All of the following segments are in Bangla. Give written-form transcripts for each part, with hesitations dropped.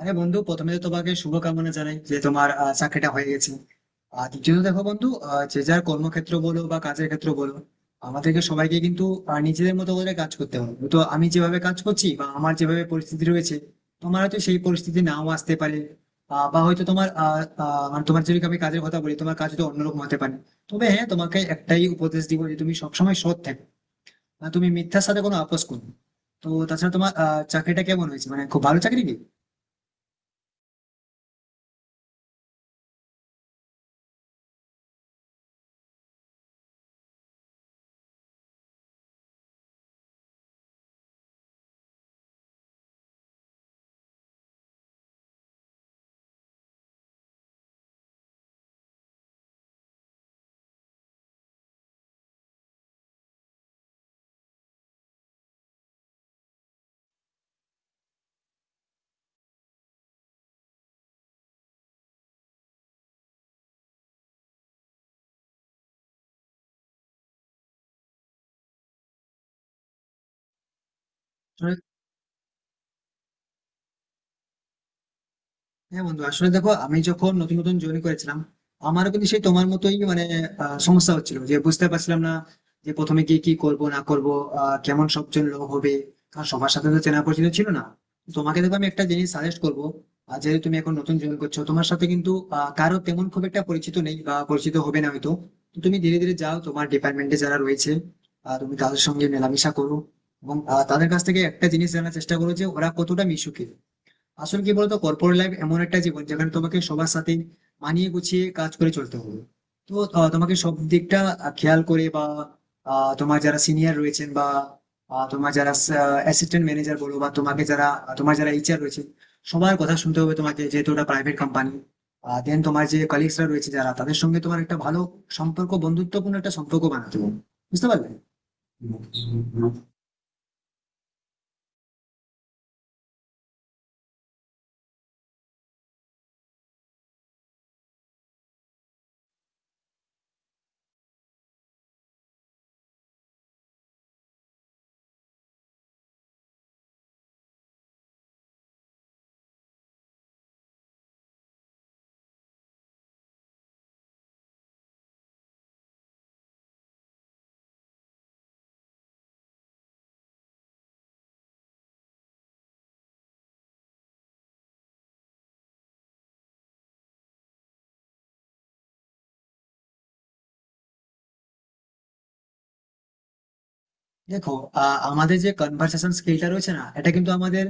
আরে বন্ধু, প্রথমে তো তোমাকে শুভকামনা জানাই যে তোমার চাকরিটা হয়ে গেছে। আর দ্বিতীয়ত দেখো বন্ধু, যে যার কর্মক্ষেত্র বলো বা কাজের ক্ষেত্র বলো, আমাদেরকে সবাইকে কিন্তু নিজেদের মতো করে কাজ করতে হবে। তো আমি যেভাবে কাজ করছি বা আমার যেভাবে পরিস্থিতি রয়েছে, তোমার হয়তো সেই পরিস্থিতি নাও আসতে পারে। বা হয়তো তোমার মানে তোমার যদি আমি কাজের কথা বলি, তোমার কাজ তো অন্যরকম হতে পারে। তবে হ্যাঁ, তোমাকে একটাই উপদেশ দিব যে তুমি সবসময় সৎ থাকো, মানে তুমি মিথ্যার সাথে কোনো আপোষ করো না। তো তাছাড়া তোমার চাকরিটা কেমন হয়েছে, মানে খুব ভালো চাকরি কি? হ্যাঁ বন্ধু, আসলে দেখো, আমি যখন নতুন নতুন জয়েন করেছিলাম, আমারও কিন্তু সেই তোমার মতোই মানে সমস্যা হচ্ছিল, যে বুঝতে পারছিলাম না যে প্রথমে গিয়ে কি করব না করব, কেমন সবজন লোক হবে, কারণ সবার সাথে তো চেনা পরিচিত ছিল না। তোমাকে দেখো আমি একটা জিনিস সাজেস্ট করবো, যেহেতু তুমি এখন নতুন জয়েন করছো, তোমার সাথে কিন্তু কারো তেমন খুব একটা পরিচিত নেই বা পরিচিত হবে না হয়তো। তো তুমি ধীরে ধীরে যাও, তোমার ডিপার্টমেন্টে যারা রয়েছে, তুমি তাদের সঙ্গে মেলামেশা করো এবং তাদের কাছ থেকে একটা জিনিস জানার চেষ্টা করো যে ওরা কতটা মিশুকে। আসলে কি বলতো, কর্পোরেট লাইফ এমন একটা জীবন যেখানে তোমাকে সবার সাথে মানিয়ে গুছিয়ে কাজ করে চলতে হবে। তো তোমাকে সব দিকটা খেয়াল করে বা তোমার যারা সিনিয়র রয়েছেন বা তোমার যারা অ্যাসিস্ট্যান্ট ম্যানেজার বলো বা তোমাকে যারা তোমার যারা এইচআর রয়েছে, সবার কথা শুনতে হবে তোমাকে, যেহেতু ওটা প্রাইভেট কোম্পানি। দেন তোমার যে কলিগসরা রয়েছে যারা, তাদের সঙ্গে তোমার একটা ভালো সম্পর্ক, বন্ধুত্বপূর্ণ একটা সম্পর্ক বানাতে হবে। বুঝতে পারলে? দেখো, আমাদের যে কনভার্সেশন স্কিলটা রয়েছে না, এটা কিন্তু আমাদের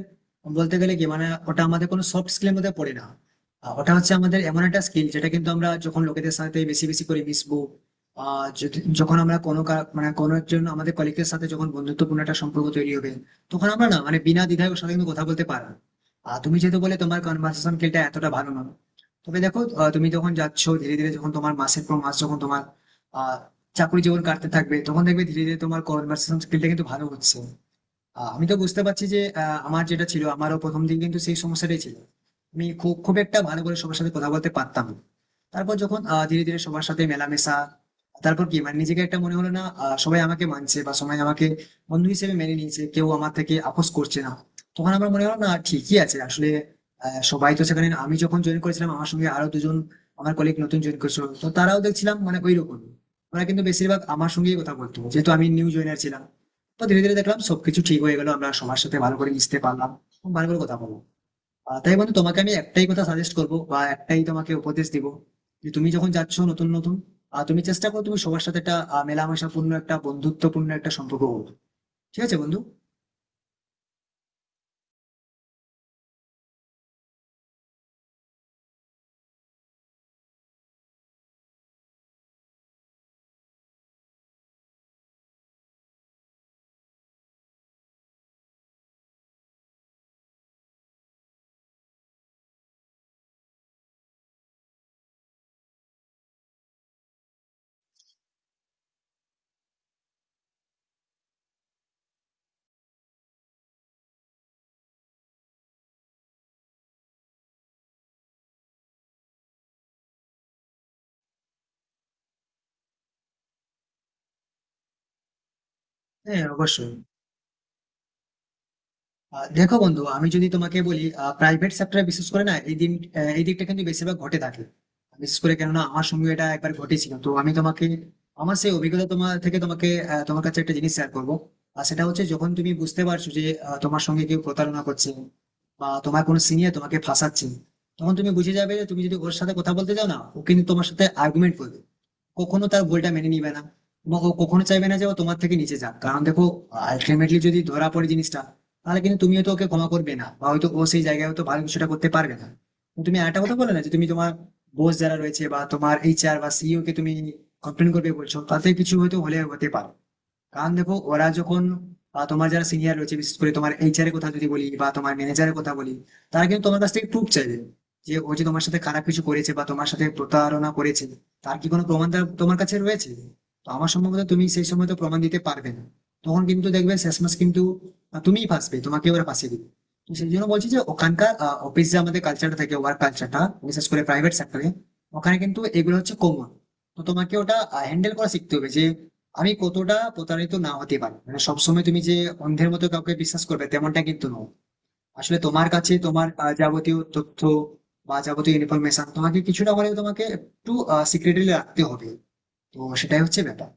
বলতে গেলে কি মানে ওটা আমাদের কোনো সফট স্কিলের মধ্যে পড়ে না। ওটা হচ্ছে আমাদের এমন একটা স্কিল, যেটা কিন্তু আমরা যখন লোকেদের সাথে বেশি বেশি করে মিশবো, যখন আমরা মানে কোনো একজন আমাদের কলিগের সাথে যখন বন্ধুত্বপূর্ণ একটা সম্পর্ক তৈরি হবে, তখন আমরা না মানে বিনা দ্বিধায় ওর সাথে কিন্তু কথা বলতে পারবো। আর তুমি যেহেতু বলে তোমার কনভার্সেশন স্কিলটা এতটা ভালো নয়, তবে দেখো তুমি যখন যাচ্ছো ধীরে ধীরে, যখন তোমার মাসের পর মাস যখন তোমার চাকরি জীবন কাটতে থাকবে, তখন দেখবে ধীরে ধীরে তোমার কনভার্সেশন স্কিলটা কিন্তু ভালো হচ্ছে। আমি তো বুঝতে পারছি যে আমার যেটা ছিল, আমারও প্রথম দিন কিন্তু সেই সমস্যাটাই ছিল, আমি খুব খুব একটা ভালো করে সবার সাথে কথা বলতে পারতাম না। তারপর যখন ধীরে ধীরে সবার সাথে মেলামেশা, তারপর কি মানে নিজেকে একটা মনে হলো না, সবাই আমাকে মানছে বা সবাই আমাকে বন্ধু হিসেবে মেনে নিয়েছে, কেউ আমার থেকে আপোস করছে না, তখন আমার মনে হলো না ঠিকই আছে আসলে। সবাই তো সেখানে, আমি যখন জয়েন করেছিলাম আমার সঙ্গে আরো দুজন আমার কলিগ নতুন জয়েন করেছিল, তো তারাও দেখছিলাম মানে ওই রকম, ওরা কিন্তু বেশিরভাগ আমার সঙ্গেই কথা বলতো, যেহেতু আমি নিউ জয়েনার ছিলাম। তো ধীরে ধীরে দেখলাম সবকিছু ঠিক হয়ে গেল, আমরা সবার সাথে ভালো করে মিশতে পারলাম, ভালো করে কথা বললাম। তাই বন্ধু, তোমাকে আমি একটাই কথা সাজেস্ট করব বা একটাই তোমাকে উপদেশ দিব, যে তুমি যখন যাচ্ছ নতুন নতুন, তুমি চেষ্টা করো তুমি সবার সাথে একটা মেলামেশাপূর্ণ একটা বন্ধুত্বপূর্ণ একটা সম্পর্ক হোক। ঠিক আছে বন্ধু? হ্যাঁ, অবশ্যই। দেখো বন্ধু, আমি যদি তোমাকে বলি, প্রাইভেট সেক্টরে বিশেষ করে না এই দিন, এই দিকটা কিন্তু বেশিরভাগ ঘটে থাকে। বিশেষ করে কেননা আমার সঙ্গে এটা একবার ঘটেছিল, তো আমি তোমাকে আমার সেই অভিজ্ঞতা তোমার থেকে তোমাকে তোমার কাছে একটা জিনিস শেয়ার করবো। আর সেটা হচ্ছে, যখন তুমি বুঝতে পারছো যে তোমার সঙ্গে কেউ প্রতারণা করছে বা তোমার কোনো সিনিয়র তোমাকে ফাঁসাচ্ছে, তখন তুমি বুঝে যাবে যে তুমি যদি ওর সাথে কথা বলতে যাও না, ও কিন্তু তোমার সাথে আর্গুমেন্ট করবে, কখনো তার ভুলটা মেনে নিবে না। এবং ও কখনো চাইবে না যে ও তোমার থেকে নিচে যাক, কারণ দেখো আলটিমেটলি যদি ধরা পড়ে জিনিসটা, তাহলে কিন্তু তুমিও তো ওকে ক্ষমা করবে না, বা হয়তো ও সেই জায়গায় হয়তো ভালো কিছুটা করতে পারবে না। তুমি আরেকটা কথা বলে না যে তুমি তোমার বস যারা রয়েছে বা তোমার এইচআর বা সিইও কে তুমি কমপ্লেন করবে বলছো, তাতে কিছু হয়তো হলে হতে পারে। কারণ দেখো ওরা যখন তোমার যারা সিনিয়র রয়েছে, বিশেষ করে তোমার এইচআর এর কথা যদি বলি বা তোমার ম্যানেজারের কথা বলি, তারা কিন্তু তোমার কাছ থেকে প্রুফ চাইবে যে ও যে তোমার সাথে খারাপ কিছু করেছে বা তোমার সাথে প্রতারণা করেছে, তার- কি কোনো প্রমাণ তোমার কাছে রয়েছে। তো আমার সম্ভবত তুমি সেই সময় তো প্রমাণ দিতে পারবে না, তখন কিন্তু দেখবে শেষমেশ কিন্তু তুমিই ফাঁসবে, তোমাকে ওরা ফাঁসিয়ে দিবে। তো সেই জন্য বলছি যে ওখানকার অফিস যে আমাদের কালচারটা থাকে, ওয়ার্ক কালচারটা, বিশেষ করে প্রাইভেট সেক্টরে, ওখানে কিন্তু এগুলো হচ্ছে কমন। তো তোমাকে ওটা হ্যান্ডেল করা শিখতে হবে যে আমি কতটা প্রতারিত না হতে পারি, মানে সবসময় তুমি যে অন্ধের মতো কাউকে বিশ্বাস করবে তেমনটা কিন্তু নয়। আসলে তোমার কাছে তোমার যাবতীয় তথ্য বা যাবতীয় ইনফরমেশন তোমাকে কিছুটা হলেও তোমাকে একটু সিক্রেটলি রাখতে হবে। তো সেটাই হচ্ছে ব্যাপার।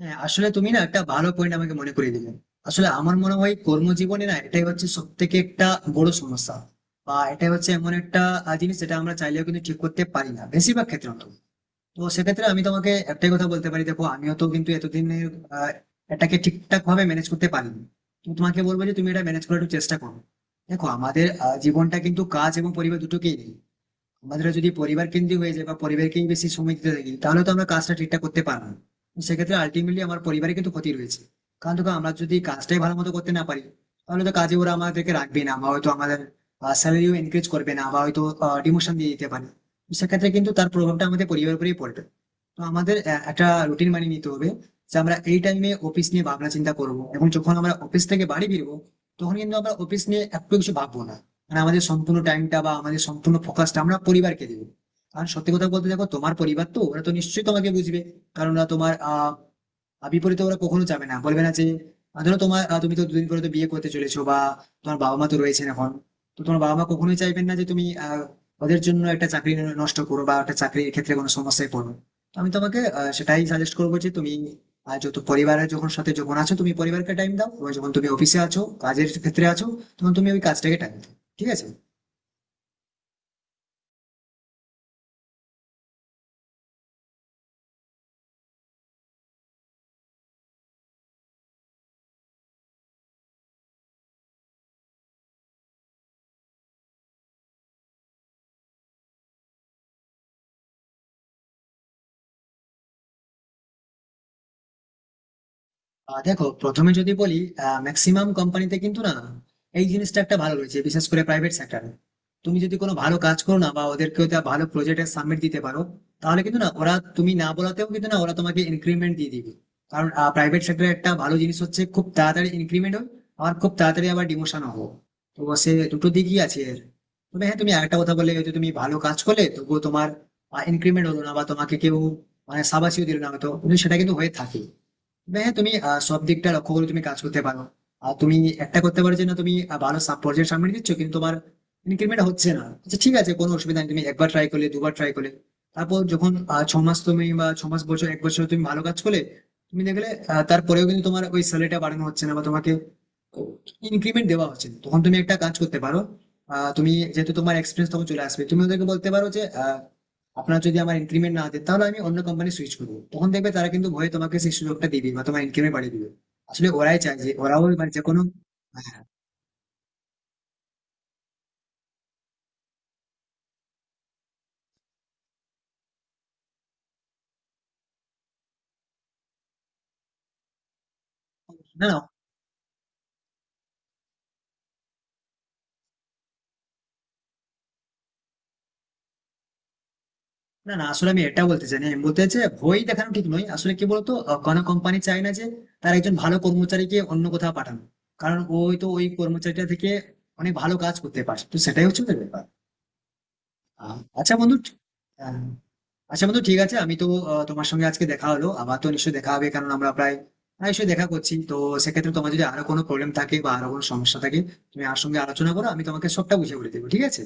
হ্যাঁ আসলে তুমি না একটা ভালো পয়েন্ট আমাকে মনে করিয়ে দিলে। আসলে আমার মনে হয় কর্মজীবনে না এটাই হচ্ছে সব থেকে একটা বড় সমস্যা, বা এটাই হচ্ছে এমন একটা জিনিস যেটা আমরা চাইলেও কিন্তু ঠিক করতে পারি না বেশিরভাগ ক্ষেত্রে অন্তত। তো সেক্ষেত্রে আমি তোমাকে একটাই কথা বলতে পারি, দেখো আমিও তো কিন্তু এতদিনে আহ, এটাকে ঠিকঠাক ভাবে ম্যানেজ করতে পারিনি। তো তোমাকে বলবো যে তুমি এটা ম্যানেজ করার একটু চেষ্টা করো। দেখো আমাদের জীবনটা কিন্তু কাজ এবং পরিবার দুটোকেই নেই। আমাদের যদি পরিবার কেন্দ্রিক হয়ে যায় বা পরিবারকেই বেশি সময় দিতে থাকি, তাহলে তো আমরা কাজটা ঠিকঠাক করতে পারবো না। তো সেক্ষেত্রে আলটিমেটলি আমার পরিবারে কিন্তু ক্ষতি রয়েছে। কারণ দেখো আমরা যদি কাজটাই ভালো মতো করতে না পারি, তাহলে তো কাজে ওরা আমাদেরকে রাখবে না, বা হয়তো আমাদের স্যালারিও এনকারেজ করবে না, বা হয়তো ডিমোশন দিয়ে দিতে পারে। তো সেক্ষেত্রে কিন্তু তার প্রভাবটা আমাদের পরিবারের উপরেই পড়বে। তো আমাদের একটা রুটিন মানিয়ে নিতে হবে, যে আমরা এই টাইমে অফিস নিয়ে ভাবনা চিন্তা করবো, এবং যখন আমরা অফিস থেকে বাড়ি ফিরবো, তখন কিন্তু আমরা অফিস নিয়ে একটু কিছু ভাববো না। মানে আমাদের সম্পূর্ণ টাইমটা বা আমাদের সম্পূর্ণ ফোকাসটা আমরা পরিবারকে দেবো। কারণ সত্যি কথা বলতে দেখো তোমার পরিবার তো, ওরা তো নিশ্চয়ই তোমাকে বুঝবে, কারণ ওরা তোমার বিপরীতে ওরা কখনো যাবে না, বলবে না যে ধরো তোমার তুমি তো দুদিন পরে তো বিয়ে করতে চলেছো, বা তোমার বাবা মা তো রয়েছেন এখন। তো তোমার বাবা মা কখনোই চাইবেন না যে তুমি ওদের জন্য একটা চাকরি নষ্ট করো বা একটা চাকরির ক্ষেত্রে কোনো সমস্যায় পড়ো। তো আমি তোমাকে সেটাই সাজেস্ট করবো যে তুমি যত পরিবারের যখন সাথে যখন আছো, তুমি পরিবারকে টাইম দাও, এবং যখন তুমি অফিসে আছো, কাজের ক্ষেত্রে আছো, তখন তুমি ওই কাজটাকে টাইম দাও। ঠিক আছে? আহ দেখো, প্রথমে যদি বলি, ম্যাক্সিমাম কোম্পানিতে কিন্তু না এই জিনিসটা একটা ভালো রয়েছে, বিশেষ করে প্রাইভেট সেক্টরে। তুমি যদি কোনো ভালো কাজ করো না, বা ওদেরকে ওটা ভালো প্রজেক্টে সাবমিট দিতে পারো, তাহলে কিন্তু না ওরা তুমি না বলাতেও কিন্তু না ওরা তোমাকে ইনক্রিমেন্ট দিয়ে দিবে। কারণ প্রাইভেট সেক্টরে একটা ভালো জিনিস হচ্ছে, খুব তাড়াতাড়ি ইনক্রিমেন্ট হয়, আর খুব তাড়াতাড়ি আবার ডিমোশন হবো। তো সে দুটো দিকই আছে এর। তবে হ্যাঁ তুমি আরেকটা কথা বললে, হয়তো তুমি ভালো কাজ করলে তবুও তোমার ইনক্রিমেন্ট হলো না বা তোমাকে কেউ মানে সাবাসিও দিল না হয়তো, কিন্তু সেটা কিন্তু হয়ে থাকে। হ্যাঁ তুমি সব দিকটা লক্ষ্য করে তুমি কাজ করতে পারো। আর তুমি একটা করতে পারো যে, না তুমি ভালো সাব পর্যায়ে সামনে দিচ্ছ কিন্তু তোমার ইনক্রিমেন্ট হচ্ছে না, আচ্ছা ঠিক আছে কোনো অসুবিধা নেই, তুমি একবার ট্রাই করলে দুবার ট্রাই করলে, তারপর যখন ছ মাস তুমি বা ছ মাস বছর এক বছর তুমি ভালো কাজ করলে, তুমি দেখলে তারপরেও কিন্তু তোমার ওই স্যালারিটা বাড়ানো হচ্ছে না বা তোমাকে ইনক্রিমেন্ট দেওয়া হচ্ছে না, তখন তুমি একটা কাজ করতে পারো। তুমি যেহেতু তোমার এক্সপিরিয়েন্স তখন চলে আসবে, তুমি ওদেরকে বলতে পারো যে আহ, আপনার যদি আমার ইনক্রিমেন্ট না দেয় তাহলে আমি অন্য কোম্পানি সুইচ করবো, তখন দেখবে তারা কিন্তু ভয়ে তোমাকে সেই সুযোগটা দিবে বা তোমার ইনক্রিমেন্ট বাড়িয়ে দিবে। আসলে ওরাই চায় যে ওরাও মানে যে কোনো হ্যাঁ, না না না না আসলে আমি এটা বলতে চাই না, আমি বলতে চাই ভয় দেখানো ঠিক নয়, আসলে কি বলতো কোনো কোম্পানি চায় না যে তার একজন ভালো কর্মচারীকে অন্য কোথাও পাঠানো, কারণ ওই তো ওই কর্মচারীটা থেকে অনেক ভালো কাজ করতে পারে। তো সেটাই হচ্ছে ওদের ব্যাপার। আচ্ছা বন্ধু, আহ, আচ্ছা বন্ধু ঠিক আছে, আমি তো তোমার সঙ্গে আজকে দেখা হলো, আমার তো নিশ্চয়ই দেখা হবে, কারণ আমরা প্রায় নিশ্চয়ই দেখা করছি। তো সেক্ষেত্রে তোমার যদি আরো কোনো প্রবলেম থাকে বা আরো কোনো সমস্যা থাকে, তুমি আমার সঙ্গে আলোচনা করো, আমি তোমাকে সবটা বুঝিয়ে বলে দেবো। ঠিক আছে?